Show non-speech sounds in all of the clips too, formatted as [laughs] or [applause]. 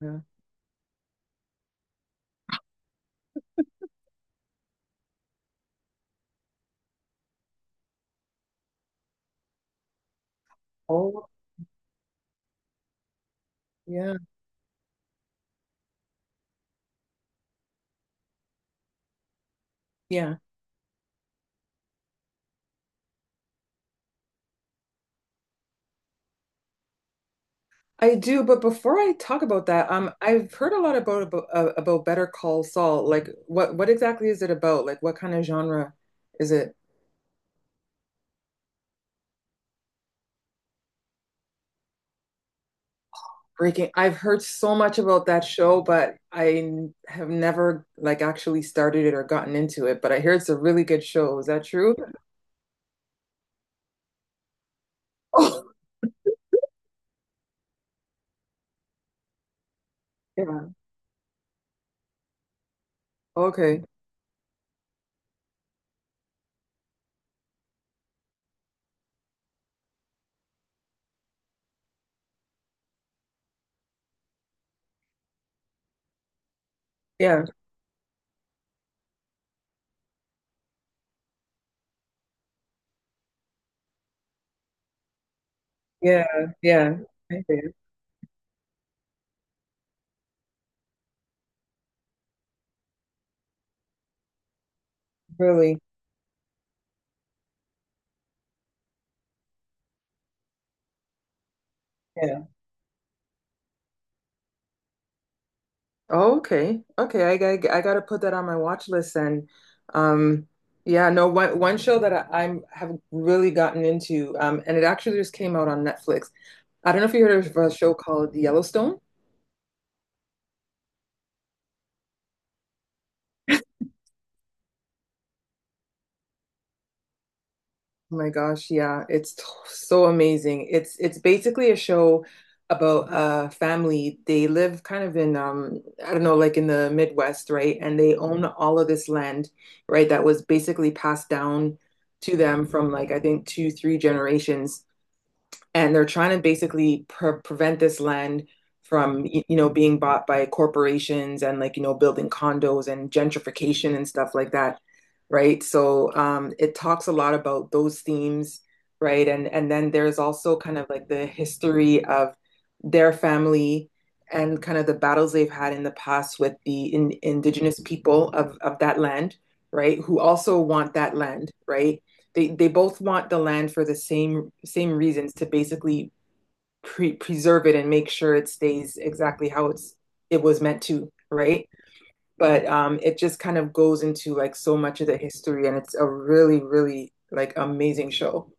Yeah. Oh, yeah, yeah. I do, but before I talk about that, I've heard a lot about Better Call Saul. Like, what exactly is it about? Like, what kind of genre is it breaking? I've heard so much about that show, but have never like actually started it or gotten into it. But I hear it's a really good show. Is that true? [laughs] Oh, yeah. Okay. Yeah. Yeah. Yeah. Okay. Really. Yeah. Oh, okay. Okay, I got to put that on my watch list, and um yeah, no one one show that I, I'm have really gotten into, and it actually just came out on Netflix. I don't know if you heard of a show called Yellowstone. Oh my gosh, yeah, so amazing. It's basically a show about a family. They live kind of in, I don't know, like in the Midwest, right? And they own all of this land, right? That was basically passed down to them from, like, I think two, three generations. And they're trying to basically prevent this land from, you know, being bought by corporations and, like, you know, building condos and gentrification and stuff like that, right? So it talks a lot about those themes, right? And then there's also kind of like the history of their family and kind of the battles they've had in the past with the indigenous people of that land, right, who also want that land, right? They both want the land for the same reasons, to basically preserve it and make sure it stays exactly how it was meant to, right? But it just kind of goes into like so much of the history, and it's a really like amazing show.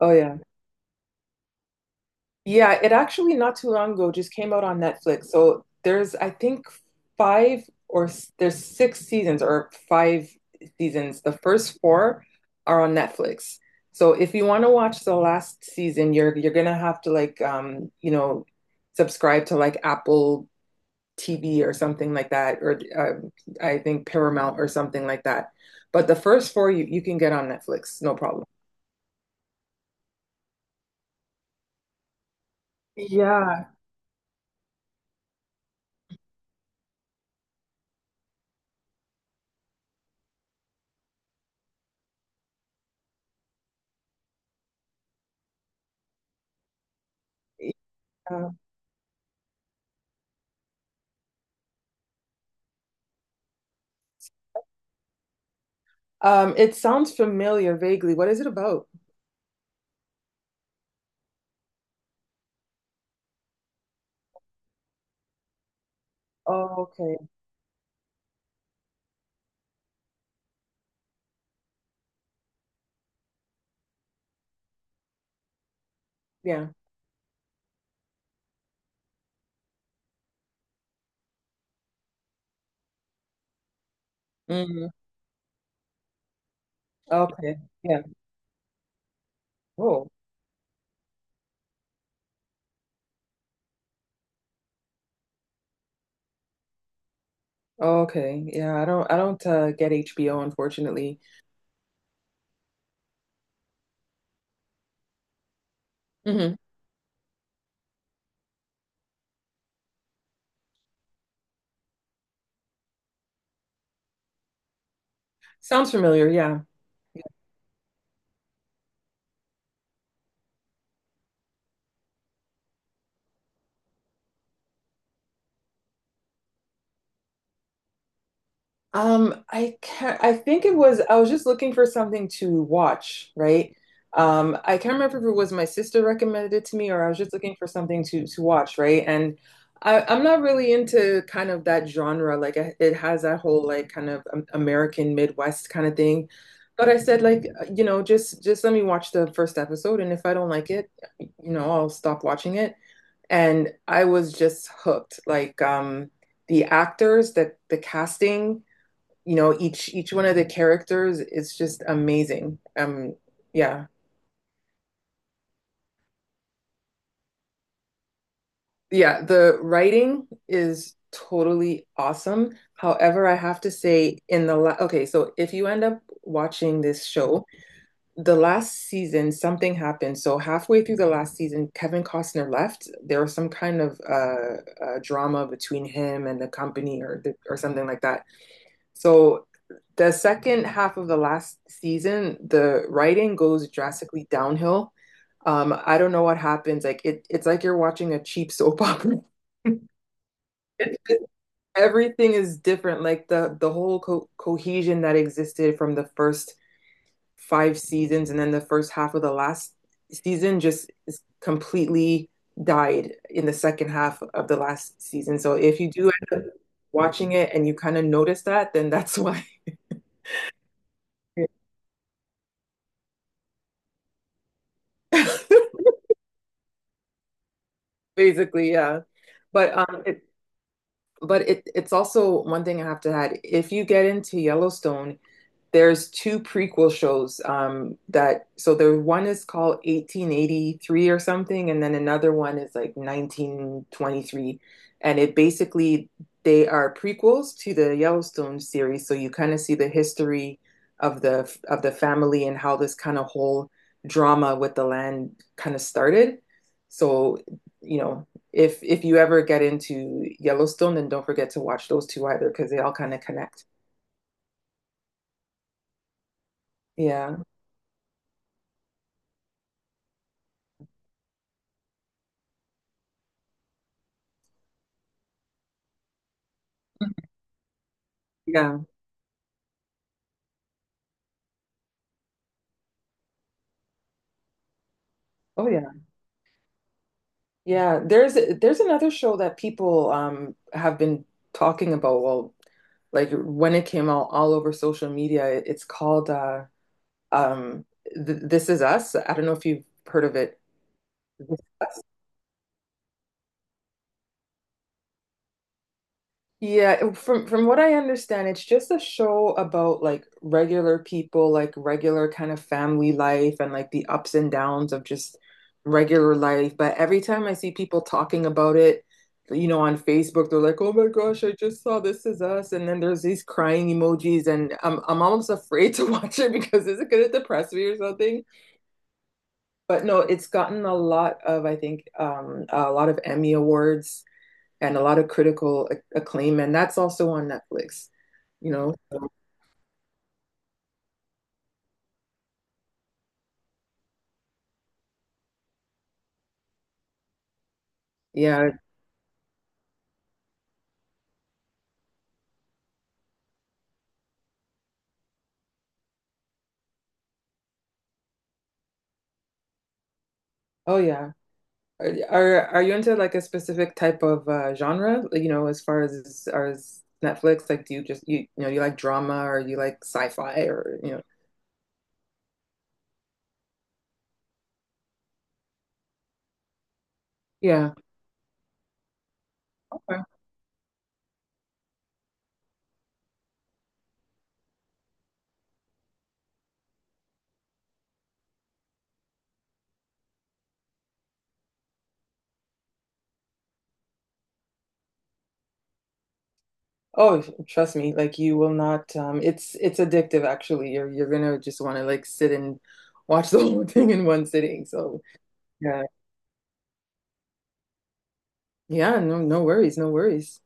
Oh yeah. Yeah, it actually not too long ago just came out on Netflix. So there's, I think, there's six seasons or five seasons. The first four are on Netflix. So if you want to watch the last season, you're gonna have to, like, you know, subscribe to like Apple TV or something like that, or, I think Paramount or something like that. But the first four you can get on Netflix, no problem. Yeah. It sounds familiar vaguely. What is it about? Oh, okay. Yeah. Hmm. Okay. Yeah. Oh, okay. Yeah, I don't get HBO, unfortunately. Hmm. Sounds familiar. Yeah. I can't, I think it was, I was just looking for something to watch, right? I can't remember if it was my sister recommended it to me, or I was just looking for something to watch, right? And I'm not really into kind of that genre. Like, I, it has that whole like kind of, American Midwest kind of thing. But I said, like, you know, just let me watch the first episode, and if I don't like it, you know, I'll stop watching it. And I was just hooked. Like, the actors, the casting, you know, each one of the characters is just amazing. Yeah. Yeah, the writing is totally awesome. However, I have to say in the la okay, so if you end up watching this show, the last season, something happened. So halfway through the last season, Kevin Costner left. There was some kind of drama between him and the company, or or something like that. So the second half of the last season, the writing goes drastically downhill. I don't know what happens. Like it's like you're watching a cheap soap opera. [laughs] It's just- everything is different. Like the whole co cohesion that existed from the first five seasons, and then the first half of the last season, just is completely died in the second half of the last season. So if you do end up watching it and you kind of notice that, then that's [laughs] why. [laughs] Basically, yeah. But um, it, but it's also one thing I have to add. If you get into Yellowstone, there's two prequel shows, that so there one is called 1883 or something, and then another one is like 1923, and it basically, they are prequels to the Yellowstone series, so you kind of see the history of the family and how this kind of whole drama with the land kind of started. So, you know, if you ever get into Yellowstone, then don't forget to watch those two either, because they all kind of connect. Yeah. Yeah. Oh yeah. Yeah, there's another show that people, have been talking about. Well, like when it came out all over social media, it's called um Th This Is Us. I don't know if you've heard of it. Yeah, from what I understand, it's just a show about like regular people, like regular kind of family life and like the ups and downs of just regular life. But every time I see people talking about it, you know, on Facebook, they're like, "Oh my gosh, I just saw This Is Us," and then there's these crying emojis, and I'm almost [laughs] afraid to watch it, because is it gonna depress me or something? But no, it's gotten a lot of, I think, a lot of Emmy awards and a lot of acclaim, and that's also on Netflix, you know? So, yeah. Oh, yeah. Are you into like a specific type of, genre? Like, you know, as far as Netflix, like, do you you know, you like drama, or you like sci-fi, or you know? Yeah. Okay. Oh, trust me, like you will not. It's addictive, actually. You're gonna just want to like sit and watch [laughs] the whole thing in one sitting. So yeah, yeah. No, no worries, no worries.